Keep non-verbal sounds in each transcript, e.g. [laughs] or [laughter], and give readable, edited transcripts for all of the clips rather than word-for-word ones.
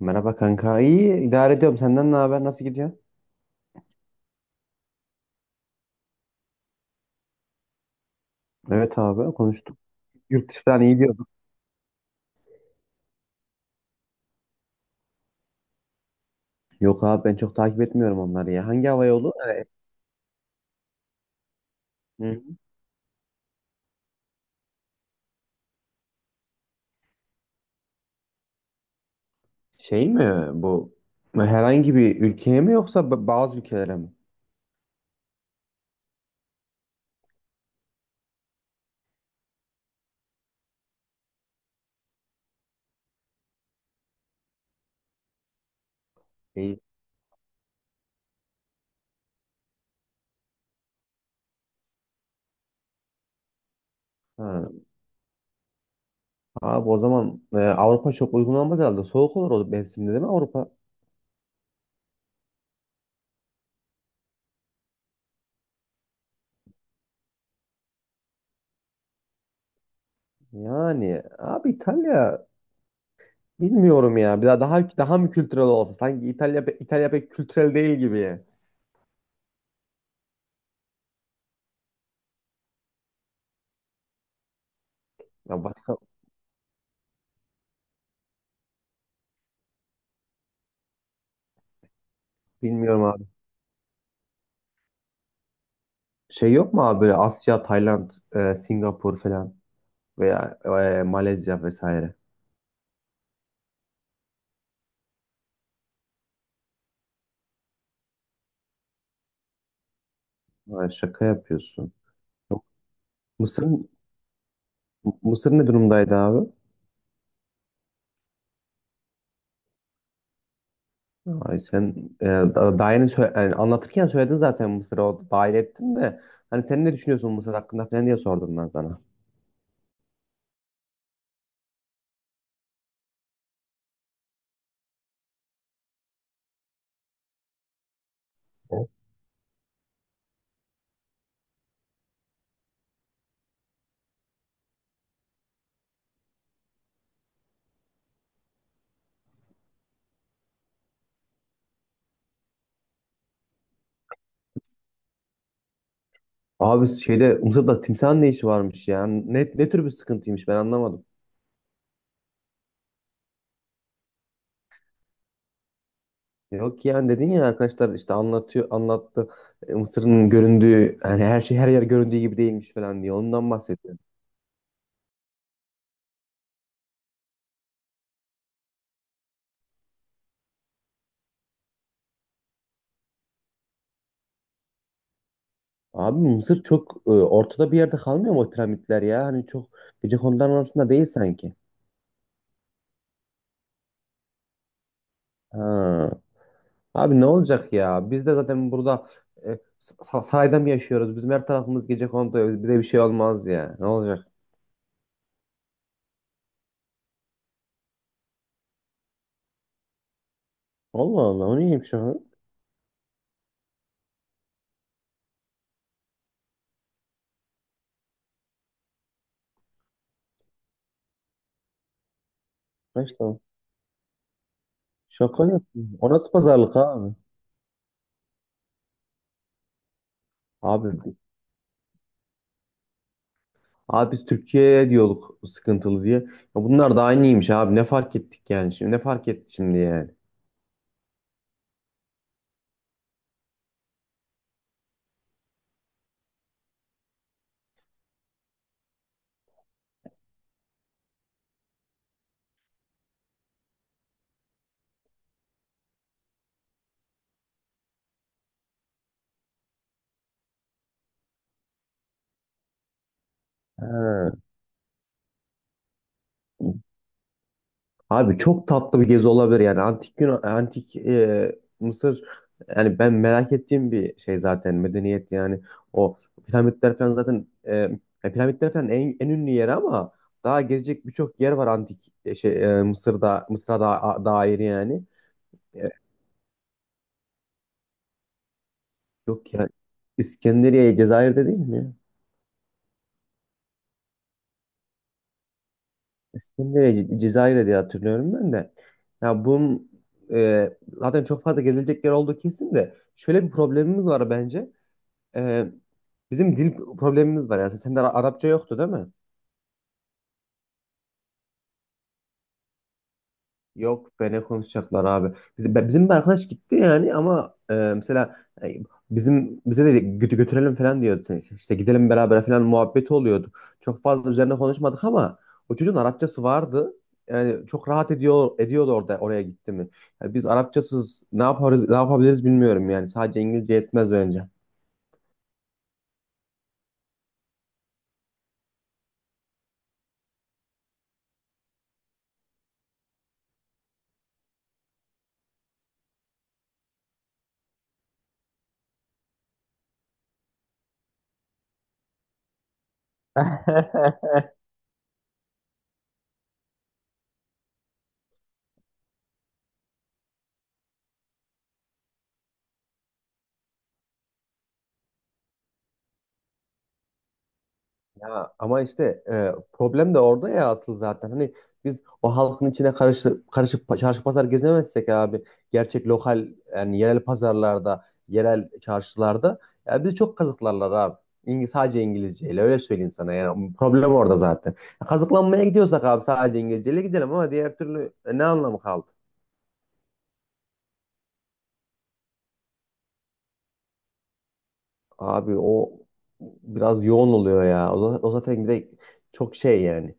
Merhaba kanka. İyi idare ediyorum. Senden ne haber? Nasıl gidiyor? Evet abi konuştuk. Yurt dışı falan iyi diyorduk. Yok abi ben çok takip etmiyorum onları ya. Hangi hava yolu? Hı hı. Şey mi bu? Herhangi bir ülkeye mi yoksa bazı ülkelere mi? Değil. Ha. Abi o zaman Avrupa çok uygun olmaz herhalde. Soğuk olur o mevsimde değil mi Avrupa? Yani abi İtalya bilmiyorum ya. Bir daha mı kültürel olsa? Sanki İtalya pek kültürel değil gibi. Ya başka bilmiyorum. Şey yok mu abi böyle Asya, Tayland, Singapur falan veya Malezya vesaire. Ay, şaka yapıyorsun. Yok. Mısır Mısır ne durumdaydı abi? Ay sen daha yani anlatırken söyledin zaten Mısır'ı, o dahil ettin de hani sen ne düşünüyorsun Mısır hakkında falan diye sordum ben sana. Evet. Abi şeyde, Mısır'da timsahın ne işi varmış ya? Ne tür bir sıkıntıymış ben anlamadım. Yok yani dedin ya, arkadaşlar işte anlatıyor, anlattı. Mısır'ın göründüğü yani, her şey her yer göründüğü gibi değilmiş falan diye ondan bahsediyorum. Abi Mısır çok ortada bir yerde kalmıyor mu o piramitler ya? Hani çok Gecekondu'nun arasında değil sanki. Ha. Abi ne olacak ya? Biz de zaten burada e, sahada mı yaşıyoruz? Bizim her tarafımız Gecekondu. Bize bir şey olmaz ya. Ne olacak? Allah Allah, o neymiş o? Şaka, şaka yapıyorum. O nasıl pazarlık abi? Abi Abi biz Türkiye'ye diyorduk sıkıntılı diye. Ya bunlar da aynıymış abi. Ne fark ettik yani şimdi? Ne fark etti şimdi yani? Ha. Abi çok tatlı bir gezi olabilir yani, antik Yunan, antik Mısır, yani ben merak ettiğim bir şey zaten medeniyet. Yani o piramitler falan zaten, ya piramitler falan en ünlü yeri ama daha gezecek birçok yer var antik Mısır'a da, dair yani. E, yok ya, İskenderiye Cezayir'de değil mi ya? İskenderiye Cezayir'de diye hatırlıyorum ben de. Ya bunun e, zaten çok fazla gezilecek yer olduğu kesin de şöyle bir problemimiz var bence. Ee, bizim dil problemimiz var yani. Sende Arapça yoktu değil mi? Yok be, ne konuşacaklar abi. Bizim bir arkadaş gitti yani ama mesela e, bizim, bize de götürelim falan diyordu. İşte gidelim beraber falan muhabbeti oluyordu. Çok fazla üzerine konuşmadık ama o çocuğun Arapçası vardı. Yani çok rahat ediyordu oraya gitti mi. Yani biz Arapçasız ne yaparız, ne yapabiliriz bilmiyorum yani. Sadece İngilizce yetmez bence. [laughs] Ya ama işte problem de orada ya asıl zaten. Hani biz o halkın içine karışıp çarşı pazar gezemezsek abi, gerçek lokal yani yerel pazarlarda, yerel çarşılarda ya bizi çok kazıklarlar abi. Sadece İngilizceyle, öyle söyleyeyim sana, yani problem orada zaten. Kazıklanmaya gidiyorsak abi sadece İngilizceyle gidelim ama diğer türlü ne anlamı kaldı? Abi o biraz yoğun oluyor ya. O zaten bir de çok şey yani.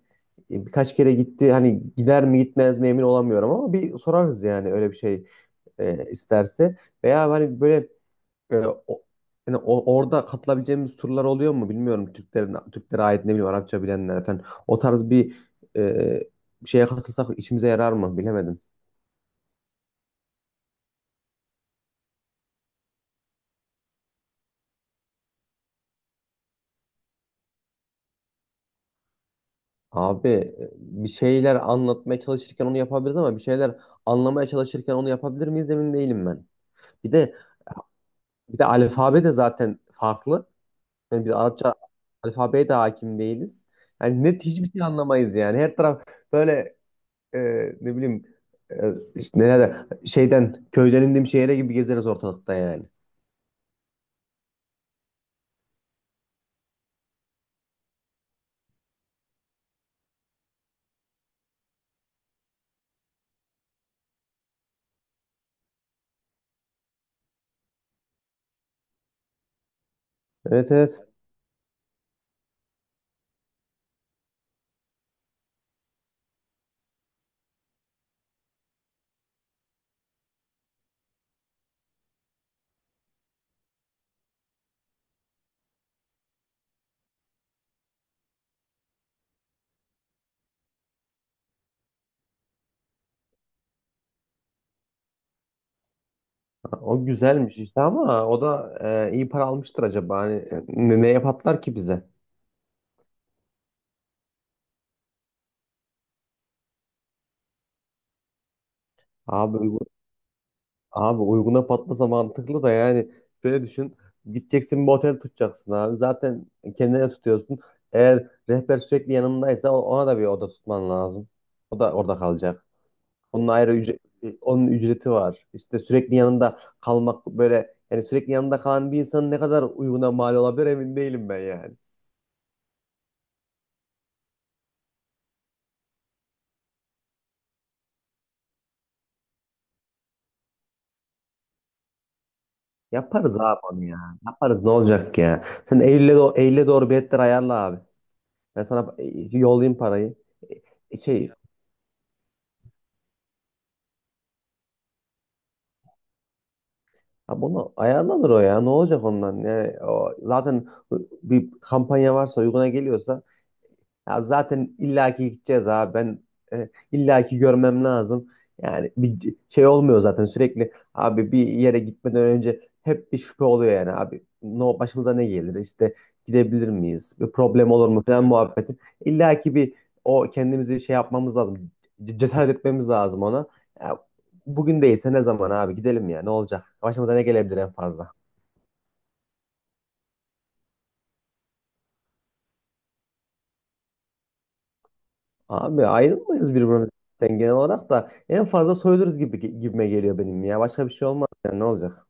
Birkaç kere gitti, hani gider mi gitmez mi emin olamıyorum ama bir sorarız yani, öyle bir şey isterse. Veya hani böyle e, o, yani orada katılabileceğimiz turlar oluyor mu bilmiyorum. Türklerin, Türklere ait, ne bileyim Arapça bilenler falan. O tarz bir e, şeye katılsak işimize yarar mı bilemedim. Abi bir şeyler anlatmaya çalışırken onu yapabiliriz ama bir şeyler anlamaya çalışırken onu yapabilir miyiz emin değilim ben. Bir de, alfabe de zaten farklı. Yani bir de Arapça alfabeye de hakim değiliz. Yani net hiçbir şey anlamayız yani. Her taraf böyle e, ne bileyim, işte neler, şeyden, köyden indiğim şehre gibi gezeriz ortalıkta yani. Evet, evet. O güzelmiş işte ama o da iyi para almıştır acaba. Hani neye patlar ki bize? Abi Abi uyguna patlasa mantıklı da, yani şöyle düşün. Gideceksin, bir otel tutacaksın abi. Zaten kendine tutuyorsun. Eğer rehber sürekli yanındaysa ona da bir oda tutman lazım. O da orada kalacak. Onun ayrı ücret, onun ücreti var. İşte sürekli yanında kalmak böyle, yani sürekli yanında kalan bir insanın ne kadar uyguna mal olabilir emin değilim ben yani. Yaparız abi onu ya. Yaparız, ne olacak ya. Sen Eylül'e Eylül'e doğru biletler ayarla abi. Ben sana yollayayım parayı. E, Şey Ha bunu ayarlanır o ya. Ne olacak ondan? Yani o zaten bir kampanya varsa, uyguna geliyorsa, ya zaten illaki gideceğiz abi. Ben illaki görmem lazım. Yani bir şey olmuyor zaten sürekli. Abi bir yere gitmeden önce hep bir şüphe oluyor yani abi. No, başımıza ne gelir? İşte gidebilir miyiz? Bir problem olur mu falan muhabbeti. İllaki bir, o kendimizi şey yapmamız lazım. Cesaret etmemiz lazım ona. Ya, bugün değilse ne zaman abi, gidelim ya, ne olacak? Başımıza ne gelebilir en fazla? Abi ayrılmayız birbirimizden genel olarak, da en fazla soyuluruz gibime geliyor benim ya. Başka bir şey olmaz yani, ne olacak?